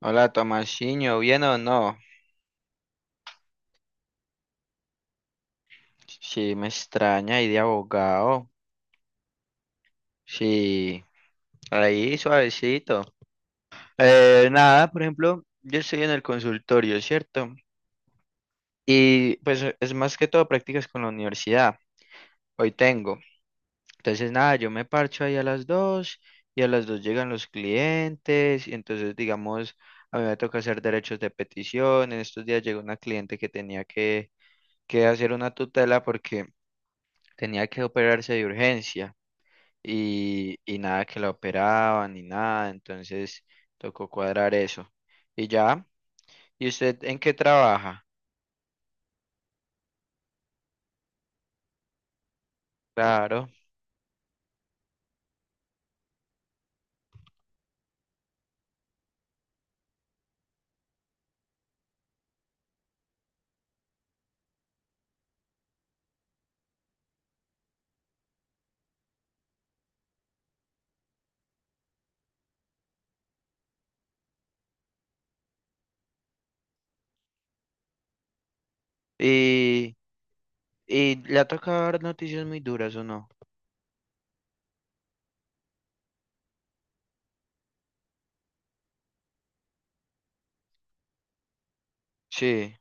Hola, Tomasiño, ¿bien o no? Si me extraña ahí de abogado. Sí, ahí suavecito. Nada, por ejemplo, yo estoy en el consultorio, ¿cierto? Y pues es más que todo prácticas con la universidad. Hoy tengo. Entonces, nada, yo me parcho ahí a las dos y a las dos llegan los clientes. Y entonces, digamos, a mí me toca hacer derechos de petición. En estos días llegó una cliente que hacer una tutela porque tenía que operarse de urgencia. Y nada que la operaban ni nada, entonces tocó cuadrar eso. Y ya, ¿y usted en qué trabaja? Claro. Y, ¿Y le ha tocado dar noticias muy duras o no? Sí,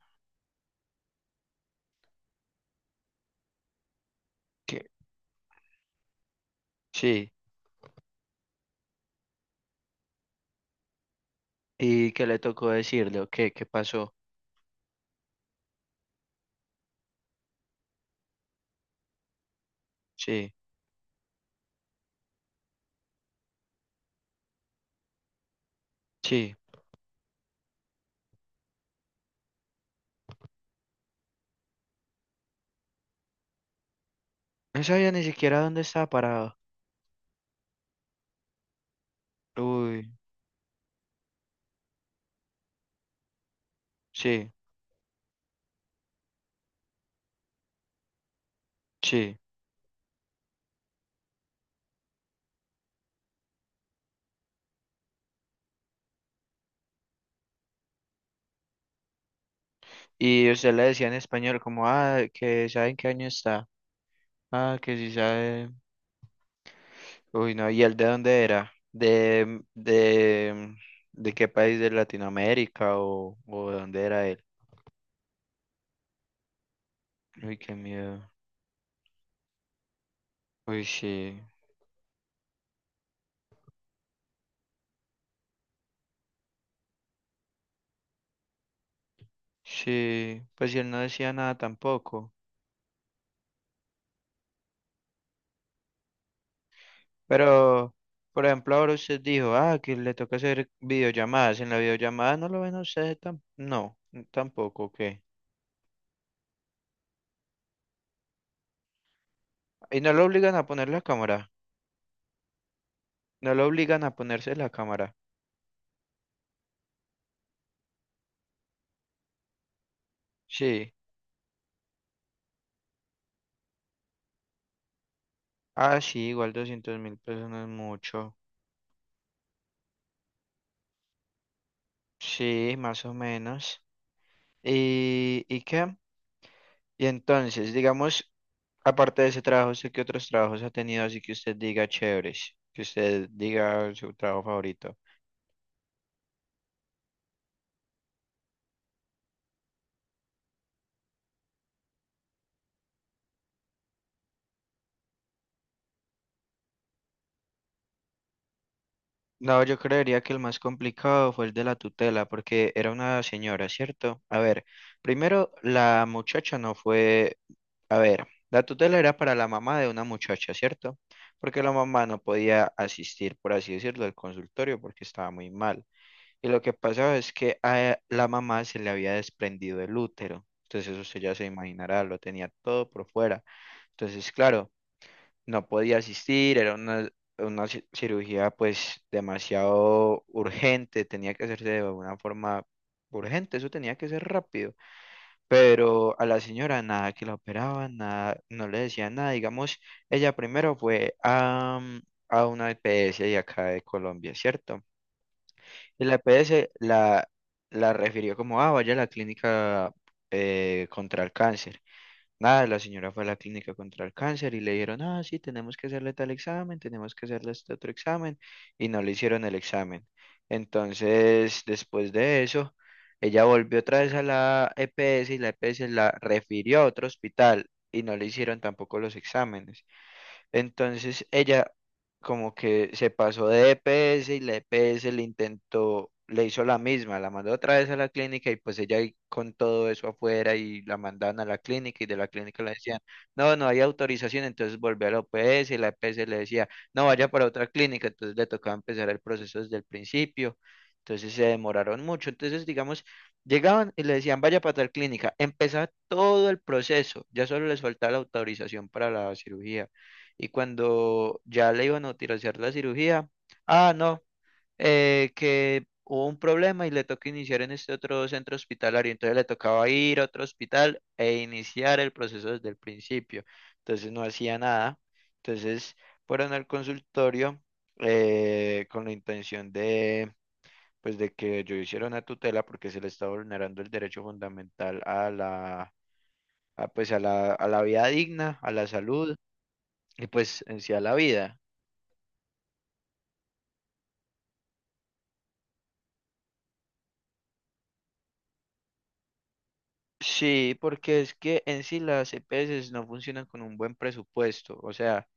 que, sí. ¿Y qué le tocó decirle? ¿O qué? ¿Qué pasó? Sí, sí. No sabía ni siquiera dónde estaba parado. Uy, sí, sí. Y usted le decía en español como, ah, que saben qué año está. Ah, que sí sabe. Uy, no, ¿y él de dónde era? ¿De de qué país de Latinoamérica o de dónde era él? Uy, qué miedo. Uy, sí, sí, pues y él no decía nada tampoco. Pero, por ejemplo, ahora usted dijo, ah, que le toca hacer videollamadas. En la videollamada no lo ven a usted, tampoco, ¿qué? Y no lo obligan a poner la cámara, no lo obligan a ponerse la cámara. Sí, ah, sí, igual $200.000 no es mucho. Sí, más o menos. ¿Y qué? Y entonces, digamos, aparte de ese trabajo, ¿usted qué otros trabajos ha tenido así que usted diga chéveres? Que usted diga su trabajo favorito. No, yo creería que el más complicado fue el de la tutela, porque era una señora, ¿cierto? A ver, primero, la muchacha no fue, a ver, la tutela era para la mamá de una muchacha, ¿cierto? Porque la mamá no podía asistir, por así decirlo, al consultorio porque estaba muy mal. Y lo que pasaba es que a la mamá se le había desprendido el útero. Entonces eso usted ya se imaginará, lo tenía todo por fuera. Entonces, claro, no podía asistir, era una cirugía pues demasiado urgente, tenía que hacerse de una forma urgente, eso tenía que ser rápido. Pero a la señora nada que la operaban, nada, no le decían nada. Digamos, ella primero fue a una EPS de acá de Colombia, ¿cierto? Y la EPS la refirió como, ah, vaya a la clínica contra el cáncer. Nada, la señora fue a la clínica contra el cáncer y le dijeron, ah, sí, tenemos que hacerle tal examen, tenemos que hacerle este otro examen, y no le hicieron el examen. Entonces, después de eso, ella volvió otra vez a la EPS y la EPS la refirió a otro hospital y no le hicieron tampoco los exámenes. Entonces ella como que se pasó de E P S y la E P S le intentó, le hizo la misma, la mandó otra vez a la clínica y pues ella ahí con todo eso afuera y la mandaban a la clínica y de la clínica le decían, no, no hay autorización, entonces volvió a la O P S y la E P S le decía, no, vaya para otra clínica, entonces le tocaba empezar el proceso desde el principio. Entonces se demoraron mucho. Entonces, digamos, llegaban y le decían, vaya para tal clínica. Empezaba todo el proceso. Ya solo les faltaba la autorización para la cirugía. Y cuando ya le iban a utilizar la cirugía, ah, no, que hubo un problema y le tocó iniciar en este otro centro hospitalario. Entonces le tocaba ir a otro hospital e iniciar el proceso desde el principio. Entonces no hacía nada. Entonces fueron al consultorio con la intención de, pues, de que yo hiciera una tutela porque se le está vulnerando el derecho fundamental a, pues, a la vida digna, a la salud y pues en sí a la vida. Sí, porque es que en sí las EPS no funcionan con un buen presupuesto. O sea,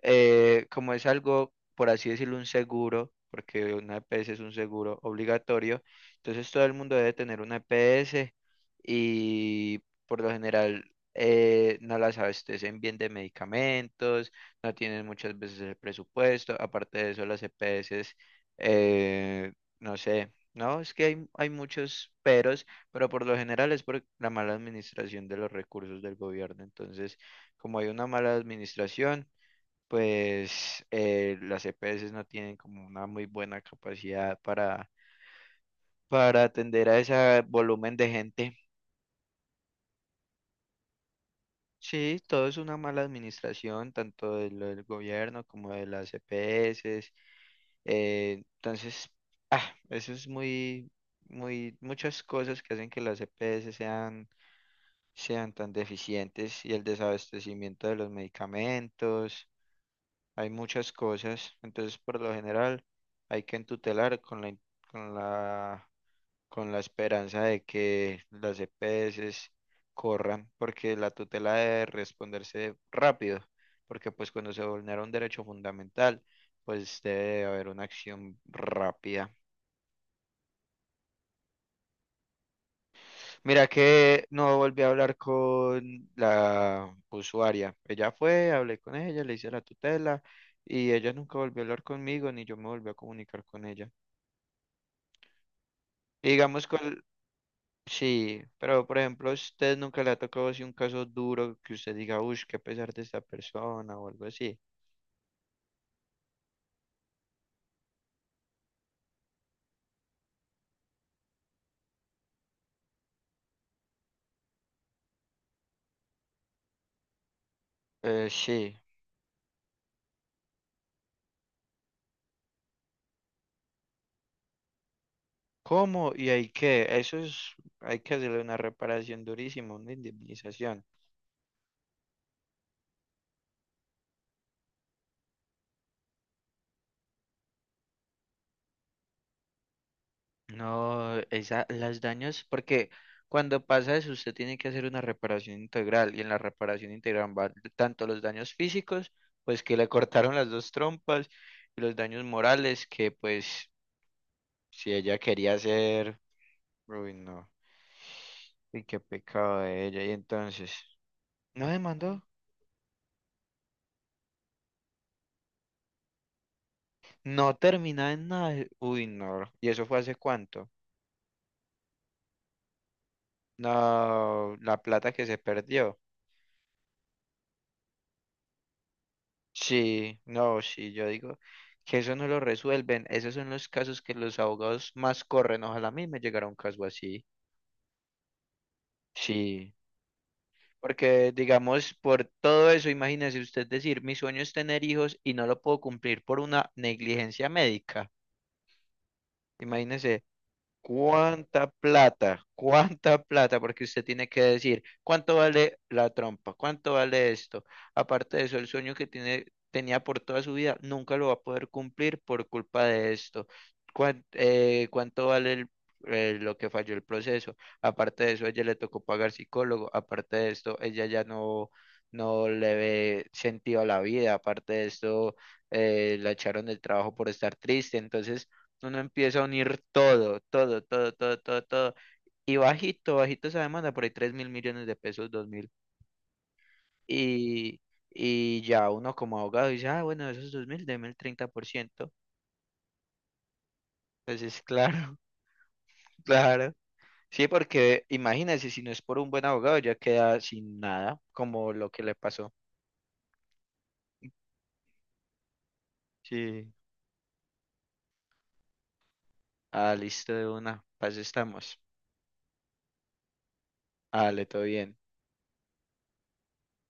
como es algo, por así decirlo, un seguro, porque una EPS es un seguro obligatorio, entonces todo el mundo debe tener una EPS y por lo general no las abastecen bien de medicamentos, no tienen muchas veces el presupuesto, aparte de eso las EPS, eh, no sé. No, es que hay muchos peros, pero por lo general es por la mala administración de los recursos del gobierno. Entonces, como hay una mala administración, pues las EPS no tienen como una muy buena capacidad para atender a ese volumen de gente. Sí, todo es una mala administración, tanto de lo del gobierno como de las EPS. Entonces, ah, eso es muy, muchas cosas que hacen que las EPS sean tan deficientes y el desabastecimiento de los medicamentos. Hay muchas cosas, entonces por lo general hay que entutelar con la, con la esperanza de que las EPS corran, porque la tutela debe responderse rápido, porque pues cuando se vulnera un derecho fundamental, pues debe haber una acción rápida. Mira que no volví a hablar con la usuaria, ella fue, hablé con ella, le hice la tutela y ella nunca volvió a hablar conmigo, ni yo me volví a comunicar con ella. Y digamos cuál, sí, pero por ejemplo, si a usted nunca le ha tocado así un caso duro que usted diga, uff, qué pesar de esta persona o algo así. Sí. ¿Cómo? ¿Y hay que? Eso es, hay que hacerle una reparación durísima, una indemnización. No, esa, las daños, porque cuando pasa eso, usted tiene que hacer una reparación integral, y en la reparación integral van tanto los daños físicos, pues que le cortaron las dos trompas, y los daños morales, que pues si ella quería hacer Uy, no. Y qué pecado de ella. Y entonces, ¿no demandó? No terminaba en nada. Uy, no. ¿Y eso fue hace cuánto? No, la plata que se perdió. Sí, no, sí, yo digo que eso no lo resuelven. Esos son los casos que los abogados más corren. Ojalá a mí me llegara un caso así. Sí, porque digamos, por todo eso, imagínese usted decir, mi sueño es tener hijos y no lo puedo cumplir por una negligencia médica. Imagínese ¿cuánta plata? ¿Cuánta plata? Porque usted tiene que decir, ¿cuánto vale la trompa? ¿Cuánto vale esto? Aparte de eso, el sueño que tiene, tenía por toda su vida nunca lo va a poder cumplir por culpa de esto. ¿Cuánto vale lo que falló el proceso? Aparte de eso, a ella le tocó pagar psicólogo. Aparte de esto, ella ya no le ve sentido a la vida. Aparte de esto, la echaron del trabajo por estar triste. Entonces uno empieza a unir todo. Y bajito, bajito esa demanda, por ahí $3.000.000.000, 2.000. Y, y ya uno como abogado dice, ah, bueno, esos 2.000, deme el 30%. Entonces, claro, claro. Sí, porque imagínense, si no es por un buen abogado, ya queda sin nada, como lo que le pasó. Sí. Ah, listo de una. Paz estamos. Dale, todo bien.